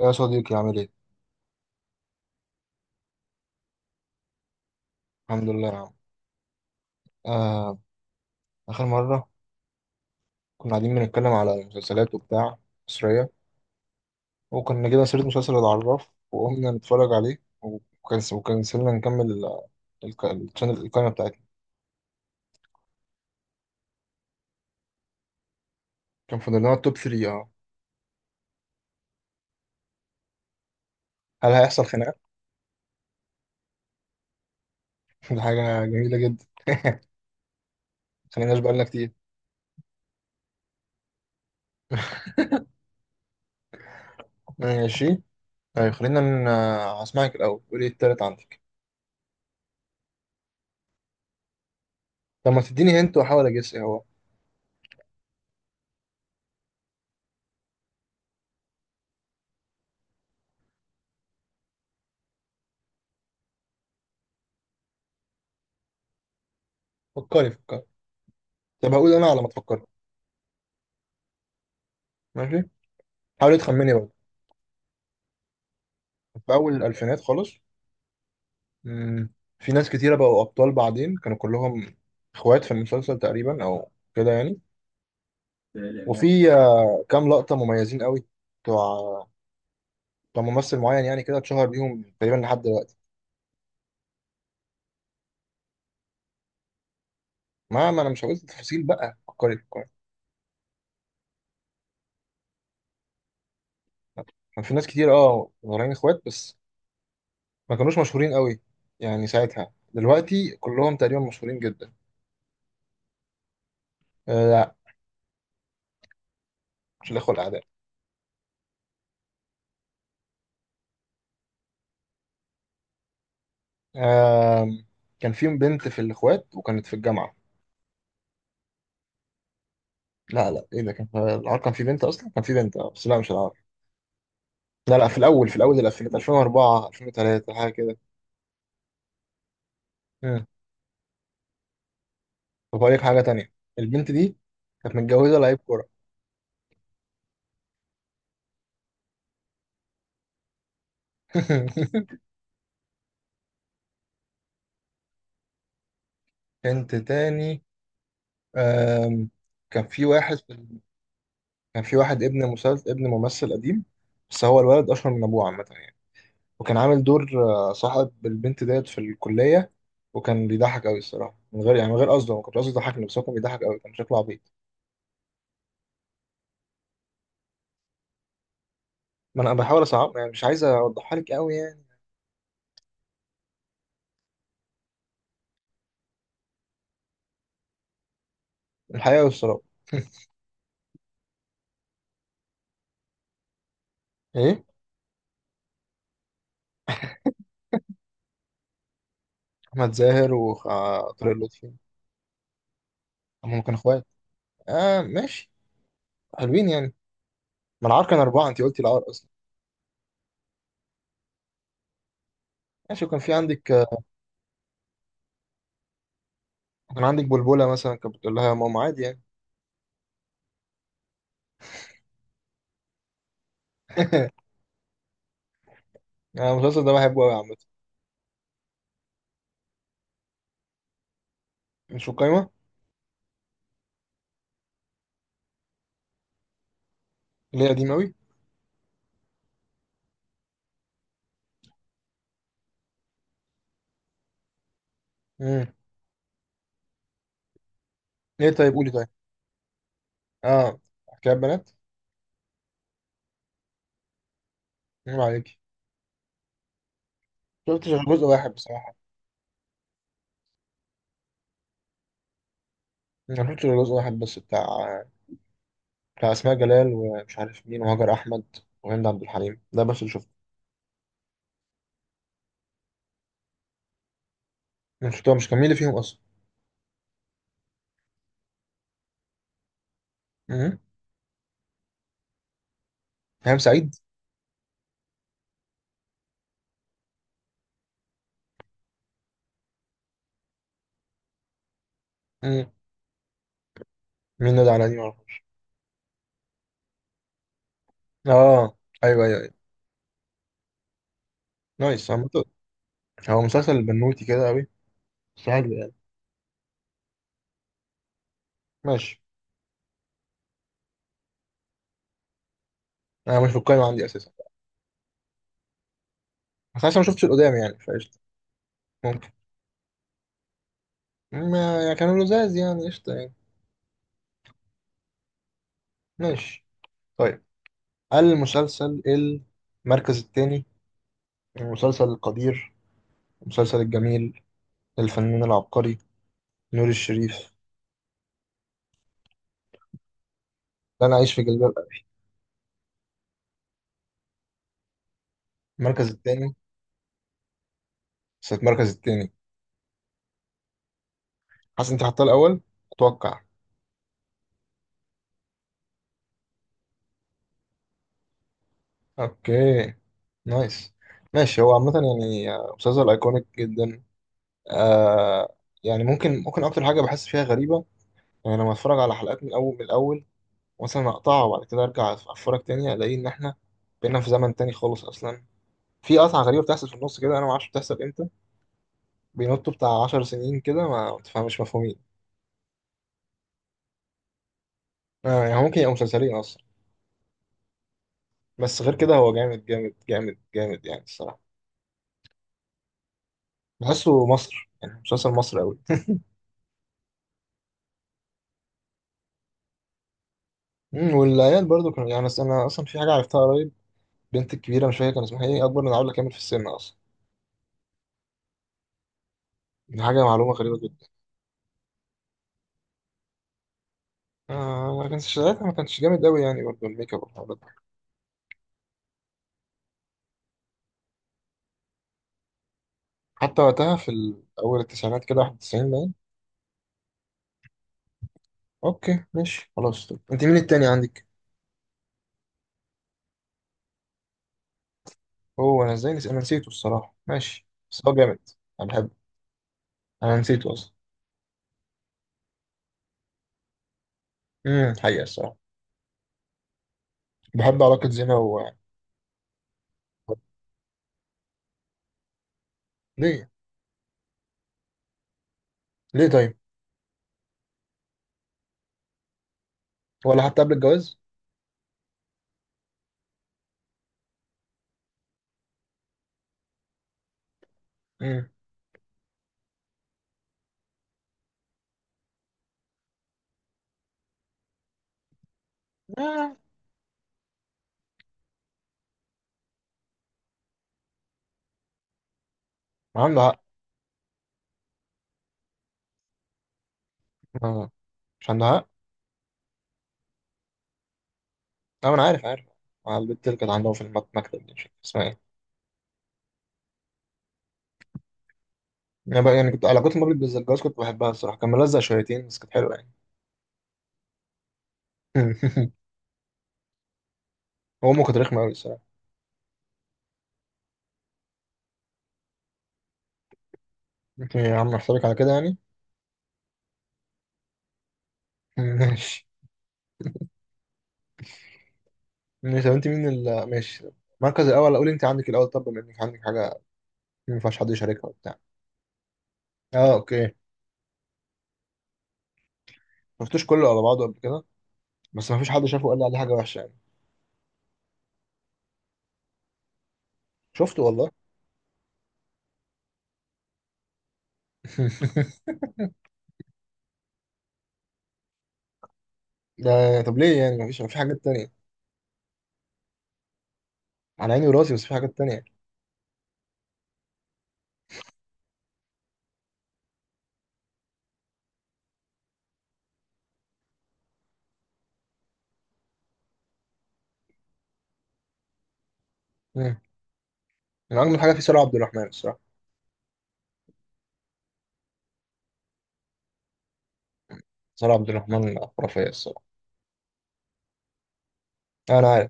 يا صديقي عامل ايه؟ الحمد لله يا عم. آه، آخر مرة كنا قاعدين بنتكلم على المسلسلات وبتاع مصرية، وكنا جبنا سيرة مسلسل العراف وقمنا نتفرج عليه، وكنسلنا نكمل الشانل القائمة بتاعتنا. كان فاضل لنا التوب 3. اه هل هيحصل خناقة؟ دي حاجة جميلة جدا. خليناش بقالنا كتير. ماشي. طيب، خلينا هسمعك الأول، قولي إيه التالت عندك، لما تديني هنت وأحاول أجس إيه هو. فكري فكري. طب هقول أنا على ما تفكري. ماشي، حاولي تخمني برضه. في أول الألفينات خالص. مم. في ناس كتيرة بقوا أبطال بعدين، كانوا كلهم إخوات في المسلسل تقريبا، أو كده يعني. وفي كام لقطة مميزين قوي بتوع بتوع ممثل معين يعني، كده اتشهر بيهم تقريبا لحد دلوقتي. ما أنا مش هقول تفاصيل بقى، فكري فكري. كان في ناس كتير أه طالعين إخوات، بس ما كانوش مشهورين قوي يعني ساعتها، دلوقتي كلهم تقريبا مشهورين جدا. آه لا، مش الإخوة الأعداء. آه، كان فيهم بنت في الإخوات وكانت في الجامعة. لا لا، ايه ده، كان العار كان في بنت اصلا، كان في بنت بس لا، مش العار. لا لا، في الاول الالفينات، 2004 2003، حاجه كده. مم. طب هقول لك حاجه تانية، البنت دي كانت متجوزه لعيب كوره. بنت تاني. آم، كان في واحد كان في واحد ابن مسلسل، ابن ممثل قديم، بس هو الولد اشهر من ابوه عامه يعني. وكان عامل دور صاحب البنت ديت في الكليه، وكان بيضحك قوي الصراحه، من غير يعني، من غير قصده، ما كنتش قصدي يضحكني، بس هو كان بيضحك قوي، كان شكله عبيط. ما انا بحاول اصعب يعني، مش عايز اوضحها لك قوي يعني. الحقيقة والسراب. ايه. احمد زاهر وطارق لطفي. هم كانوا اخوات. اه ماشي، حلوين يعني. ما العار كان اربعة، انت قلتي العار اصلا. ماشي، وكان في عندك آه، كان عندك بلبلة مثلا، كانت بتقول لها يا ماما عادي يعني. انا المسلسل ده بحبه قوي عامة. مش في القايمة. ليه، قديم قوي؟ امم. ليه طيب، قولي طيب. اه، حكاية بنات. نعم عليكي. شفتش غير جزء واحد بصراحة. ما شفتش غير جزء واحد بس، بتاع اسماء جلال ومش عارف مين، وهاجر احمد، وهند عبد الحليم، ده بس اللي شفته. مش كان مين اللي فيهم اصلا؟ هام سعيد. مم. مين نادي على دي؟ معرفش. اه ايوه ايوه ايوه، نايس عم. هو مسلسل بنوتي كده قوي، بس حلو يعني. ماشي. انا مش في القايمه عندي اساسا. بس انا لسه ما شفتش القدام يعني، فقشطه ممكن. ما يعني كانوا لزاز يعني، قشطه يعني. ماشي. طيب، المسلسل، المركز الثاني، المسلسل القدير، المسلسل الجميل، الفنان العبقري نور الشريف. لا، انا عايش في جلباب ابي. المركز الثاني. بس المركز الثاني. حاسس انت حاطاه الاول، اتوقع. اوكي، نايس. ماشي، هو عامة يعني مسلسل ايكونيك جدا. آه. يعني ممكن اكتر حاجة بحس فيها غريبة، يعني لما اتفرج على حلقات من الاول، مثلا اقطعها وبعد كده ارجع اتفرج تاني، الاقي ان احنا بقينا في زمن تاني خالص اصلا. في قطعة غريبة بتحصل في النص كده، انا ما اعرفش بتحصل امتى. بينطوا بتاع 10 سنين كده، ما تفهمش، مفهومين. آه يعني ممكن يبقى مسلسلين اصلا. بس غير كده هو جامد جامد جامد جامد يعني الصراحة. بحسه مصر يعني، مسلسل مصر قوي. والعيال برضو كانوا يعني، أنا أصلا في حاجة عرفتها قريب. البنت الكبيرة، مش فاكر كان اسمها ايه، أكبر من علا كامل في السن أصلا. دي حاجة معلومة غريبة جدا. آه، ما كانش ساعتها ما كانش جامد أوي يعني برضه، الميك اب والحوارات دي. حتى وقتها، في أول التسعينات كده، 91 باين. أوكي ماشي خلاص. طب، أنت مين التاني عندك؟ هو أنا أنا نسيته الصراحة، ماشي بس هو جامد. أنا بحبه. أنا نسيته أصلا. امم، حقيقة الصراحة. بحب علاقة زينة و... ليه؟ ليه طيب؟ ولا حتى قبل الجواز؟ امم. آه. عنده حق. آه. مش عنده حق؟ أه، أنا عارف عارف. مع البنت اللي كانت عندهم في المكتب دي، مش عارف اسمها إيه. انا بقى يعني كنت علاقتي بمبلك بالزجاج، كنت بحبها الصراحه، كان ملزق شويتين بس كانت حلوه يعني. هو امه كانت رخمه قوي الصراحه. انت يا عم احسبك على كده يعني. ماشي. ماشي، طب انت مين ماشي. المركز الاول، اقول انت عندك الاول طب، بما انك عندك حاجه ما ينفعش حد يشاركها وبتاع. اه اوكي. ما شفتوش كله على بعضه قبل كده، بس ما فيش حد شافه وقال لي عليه حاجه وحشه يعني. شفته والله. ده طب ليه يعني، ما فيش في حاجات تانية؟ على عيني وراسي، بس في حاجات تانية يعني. مم. من اجمل حاجه في سارة عبد الرحمن الصراحه. سارة عبد الرحمن خرافيه الصراحه. انا،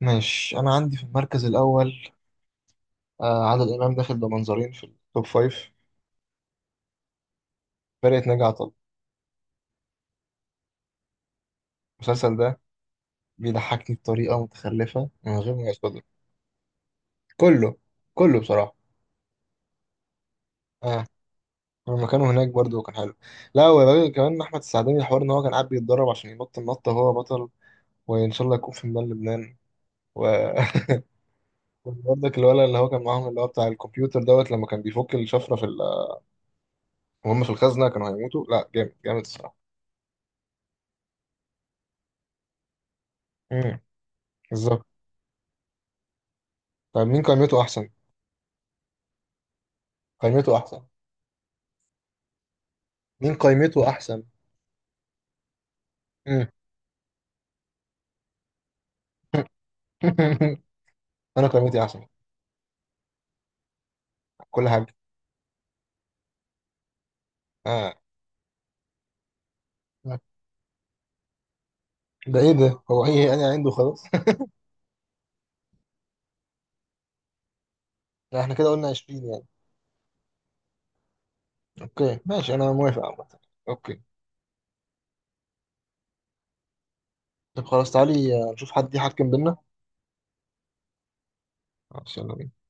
ماشي. أنا عندي في المركز الأول آه عادل إمام، داخل بمنظرين في التوب فايف. فرقة ناجي عطا الله. المسلسل ده بيضحكني بطريقة متخلفة من غير ما يصدق. كله، كله بصراحة. آه. لما كانوا هناك برضه كان حلو. لا، وبعدين كمان أحمد السعداني، الحوار إن هو كان قاعد بيتدرب عشان ينط النطة هو بطل، وإن شاء الله يكون في ميدان لبنان، و برضك الولد اللي هو كان معاهم، اللي هو بتاع الكمبيوتر دوت، لما كان بيفك الشفرة في وهم في الخزنة، كانوا هيموتوا. لا جامد جامد الصراحة. امم. بالظبط. طب مين قائمته أحسن؟ قائمته أحسن، مين قيمته احسن. مم. انا قيمتي احسن. كل حاجه. آه. ده ايه ده، هو ايه انا عنده خلاص. لا احنا كده قلنا 20 يعني. اوكي ماشي، انا موافق عامه. اوكي. طب خلاص، تعالي نشوف حد يحكم بينا. خلاص، يلا بينا.